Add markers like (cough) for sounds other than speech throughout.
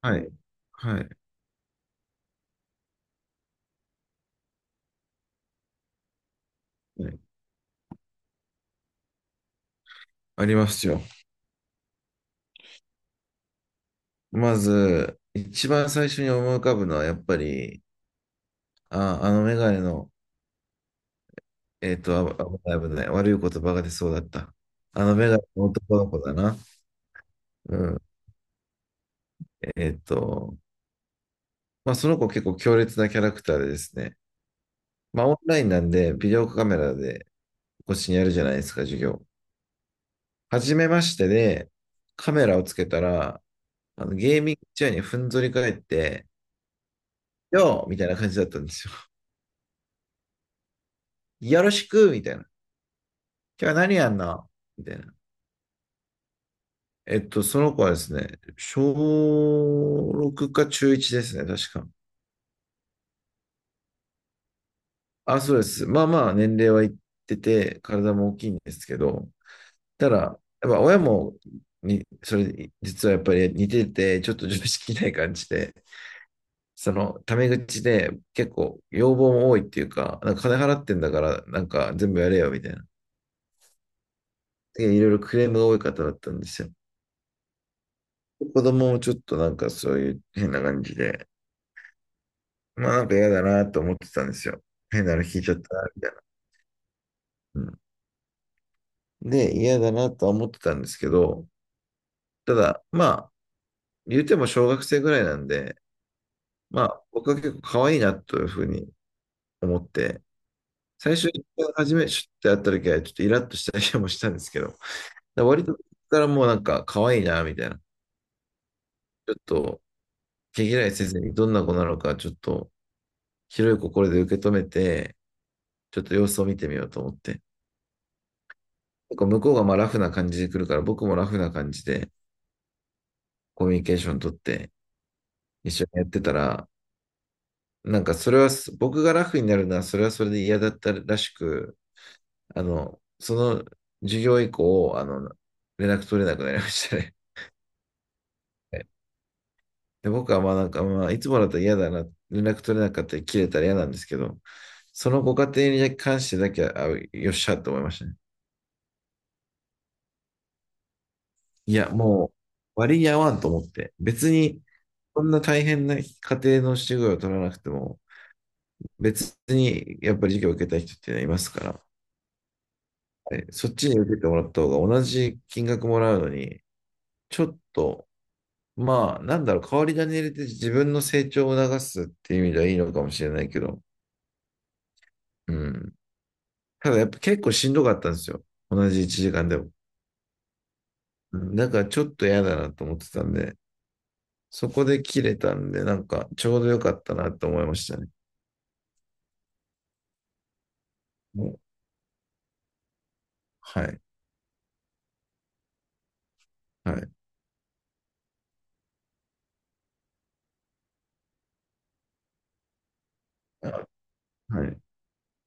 はい。はい。はい、ありますよ。まず、一番最初に思い浮かぶのは、やっぱり、あのメガネの、あ、危ない危ない。悪い言葉が出そうだった。あのメガネの男の子だな。うん。えっと、まあ、その子結構強烈なキャラクターでですね。まあ、オンラインなんで、ビデオカメラでこっちにやるじゃないですか、授業。初めましてで、カメラをつけたら、あのゲーミングチェアにふんぞり返って、よーみたいな感じだったんですよ。よろしくみたいな。今日は何やんなみたいな。その子はですね、小6か中1ですね、確か。あ、そうです。まあまあ、年齢はいってて、体も大きいんですけど、ただ、やっぱ親も、に、それ、実はやっぱり似てて、ちょっと常識ない感じで、その、タメ口で結構要望も多いっていうか、なんか金払ってんだから、なんか全部やれよ、みたいな。でいろいろクレームが多い方だったんですよ。子供もちょっとなんかそういう変な感じで、まあなんか嫌だなと思ってたんですよ。変なの聞いちゃったな、みたいな。うん、で、嫌だなとは思ってたんですけど、ただ、まあ、言うても小学生ぐらいなんで、まあ、僕は結構可愛いなというふうに思って、最初、初め、シュッて会った時はちょっとイラッとしたりもしたんですけど、だから割と、からもうなんか可愛いな、みたいな。ちょっと、毛嫌いせずにどんな子なのか、ちょっと、広い心で受け止めて、ちょっと様子を見てみようと思って。結構向こうがまあラフな感じで来るから、僕もラフな感じで、コミュニケーション取って一緒にやってたら、なんかそれはす僕がラフになるのはそれはそれで嫌だったらしく、その授業以降、連絡取れなくなりましたね。(laughs) で、僕はまあなんか、まあいつもだったら嫌だな、連絡取れなかったり切れたら嫌なんですけど、そのご家庭に関してだけは、あ、よっしゃと思いましたね。いや、もう割に合わんと思って、別に、そんな大変な家庭の授業を取らなくても、別にやっぱり授業を受けたい人っていうのはいますから、え、そっちに受けてもらった方が同じ金額もらうのに、ちょっと、まあ、なんだろう、代わり種入れて自分の成長を促すっていう意味ではいいのかもしれないけど、うん。ただやっぱ結構しんどかったんですよ。同じ1時間でも。うん、だからちょっと嫌だなと思ってたんで、そこで切れたんで、なんかちょうどよかったなと思いましたね。もう、はい。はい。あ、はい。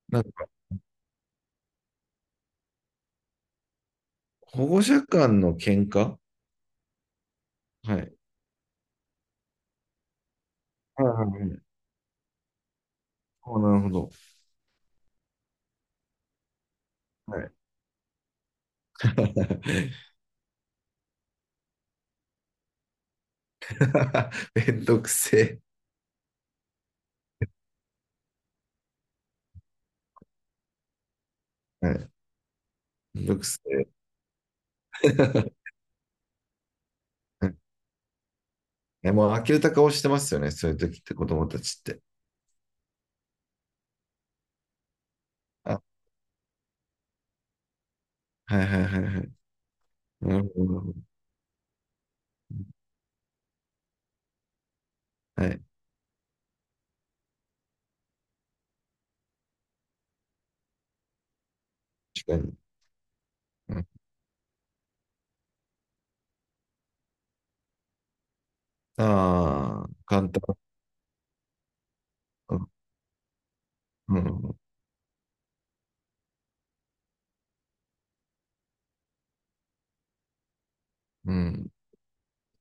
なんか保護者間の喧嘩はい。はいはいはい。お、なるほど。はい。(laughs) (laughs) めんどくせえ。はい、めんどくせえ。 (laughs)。ね、もう呆れた顔してますよね、そういう時って子供たちって。あ、はいはいはいはい。なるほど。はい、確かに。うん、ああ、簡単。うん、うん、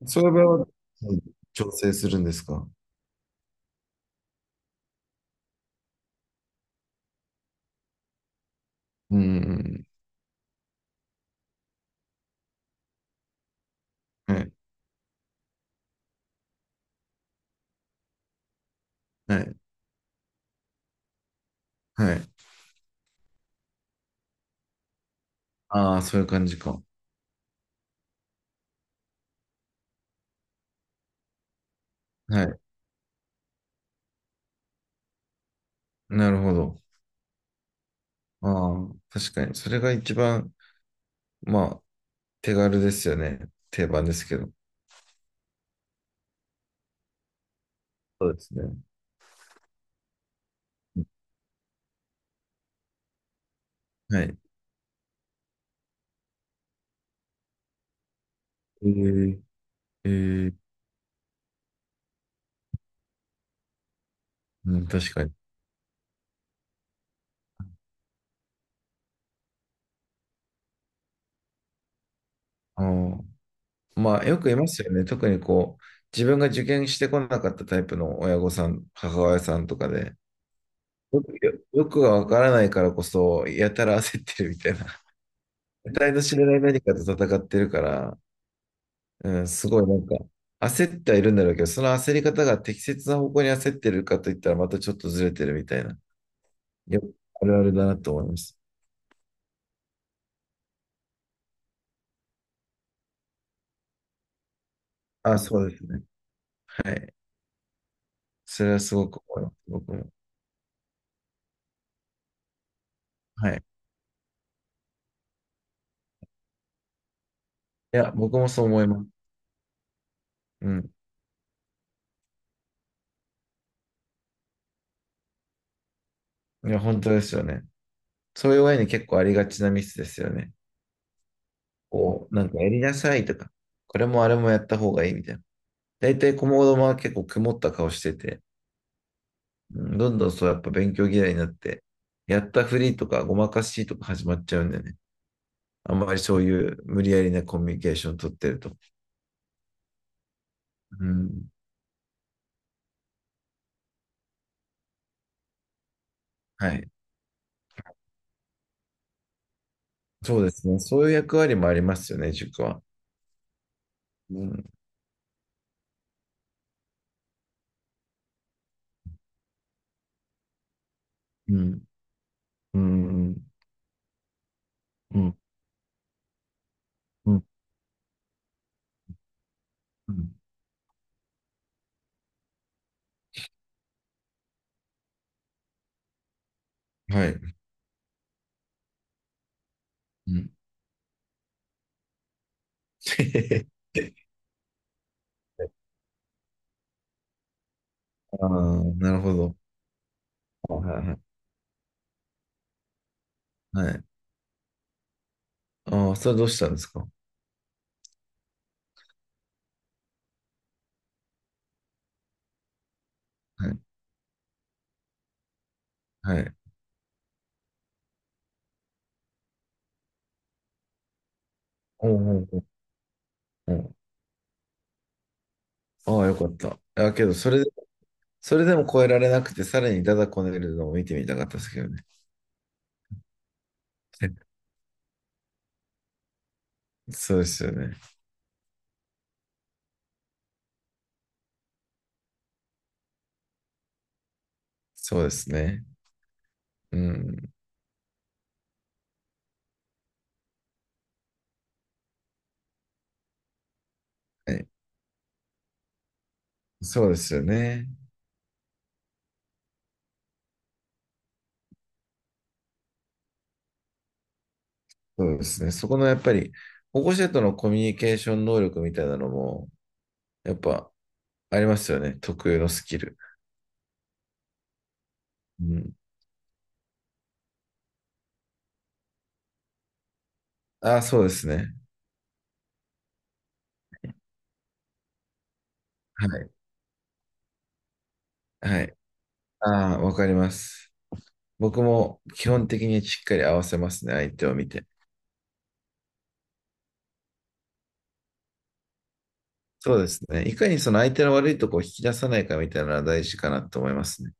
そういう場合は、調整するんですか。うん、うん、はい、はい、はい。ああー、そういう感じか。はい、なるほど。ああ、確かに。それが一番、まあ、手軽ですよね。定番ですけど。そうですね。はい。えー、えー、うん、確かに。あー、まあ、よくいますよね。特にこう、自分が受験してこなかったタイプの親御さん、母親さんとかで、よくわからないからこそ、やたら焦ってるみたいな。(laughs) 得体の知れない何かと戦ってるから、うん、すごいなんか、焦ってはいるんだろうけど、その焦り方が適切な方向に焦ってるかといったら、またちょっとずれてるみたいな。よくあるあるだなと思います。あ、そうですね。はい。それはすごく思います。僕も。はい。いや、僕もそう思います。うん。いや、本当ですよね。そういう親に結構ありがちなミスですよね。こう、なんかやりなさいとか、これもあれもやった方がいいみたいな。大体、子供は結構曇った顔してて、うん、どんどんそう、やっぱ勉強嫌いになって、やったふりとかごまかしとか始まっちゃうんだよね。あんまりそういう無理やりなコミュニケーション取ってると。うん。はい。そうですね。そういう役割もありますよね、塾は。うん。うん。うん。うん。うん。うん、はい。うん。 (laughs) ああ、なるほど。はいはいはい。はい、ああ、それどうしたんですか。はい。はい。おう、おう、おう、おう。ああ、よかった。あ、けど、それ、それでも超えられなくて、さらにダダこねるのを見てみたかったですけどね。(laughs) そうですよね。そうですね。うん。はい、そうですよね。そうですね。そこのやっぱり、保護者とのコミュニケーション能力みたいなのも、やっぱありますよね。特有のスキル。うん。ああ、そうですね。はい。はい。ああ、わかります。僕も基本的にしっかり合わせますね、相手を見て。そうですね。いかにその相手の悪いとこを引き出さないかみたいなのは大事かなと思いますね。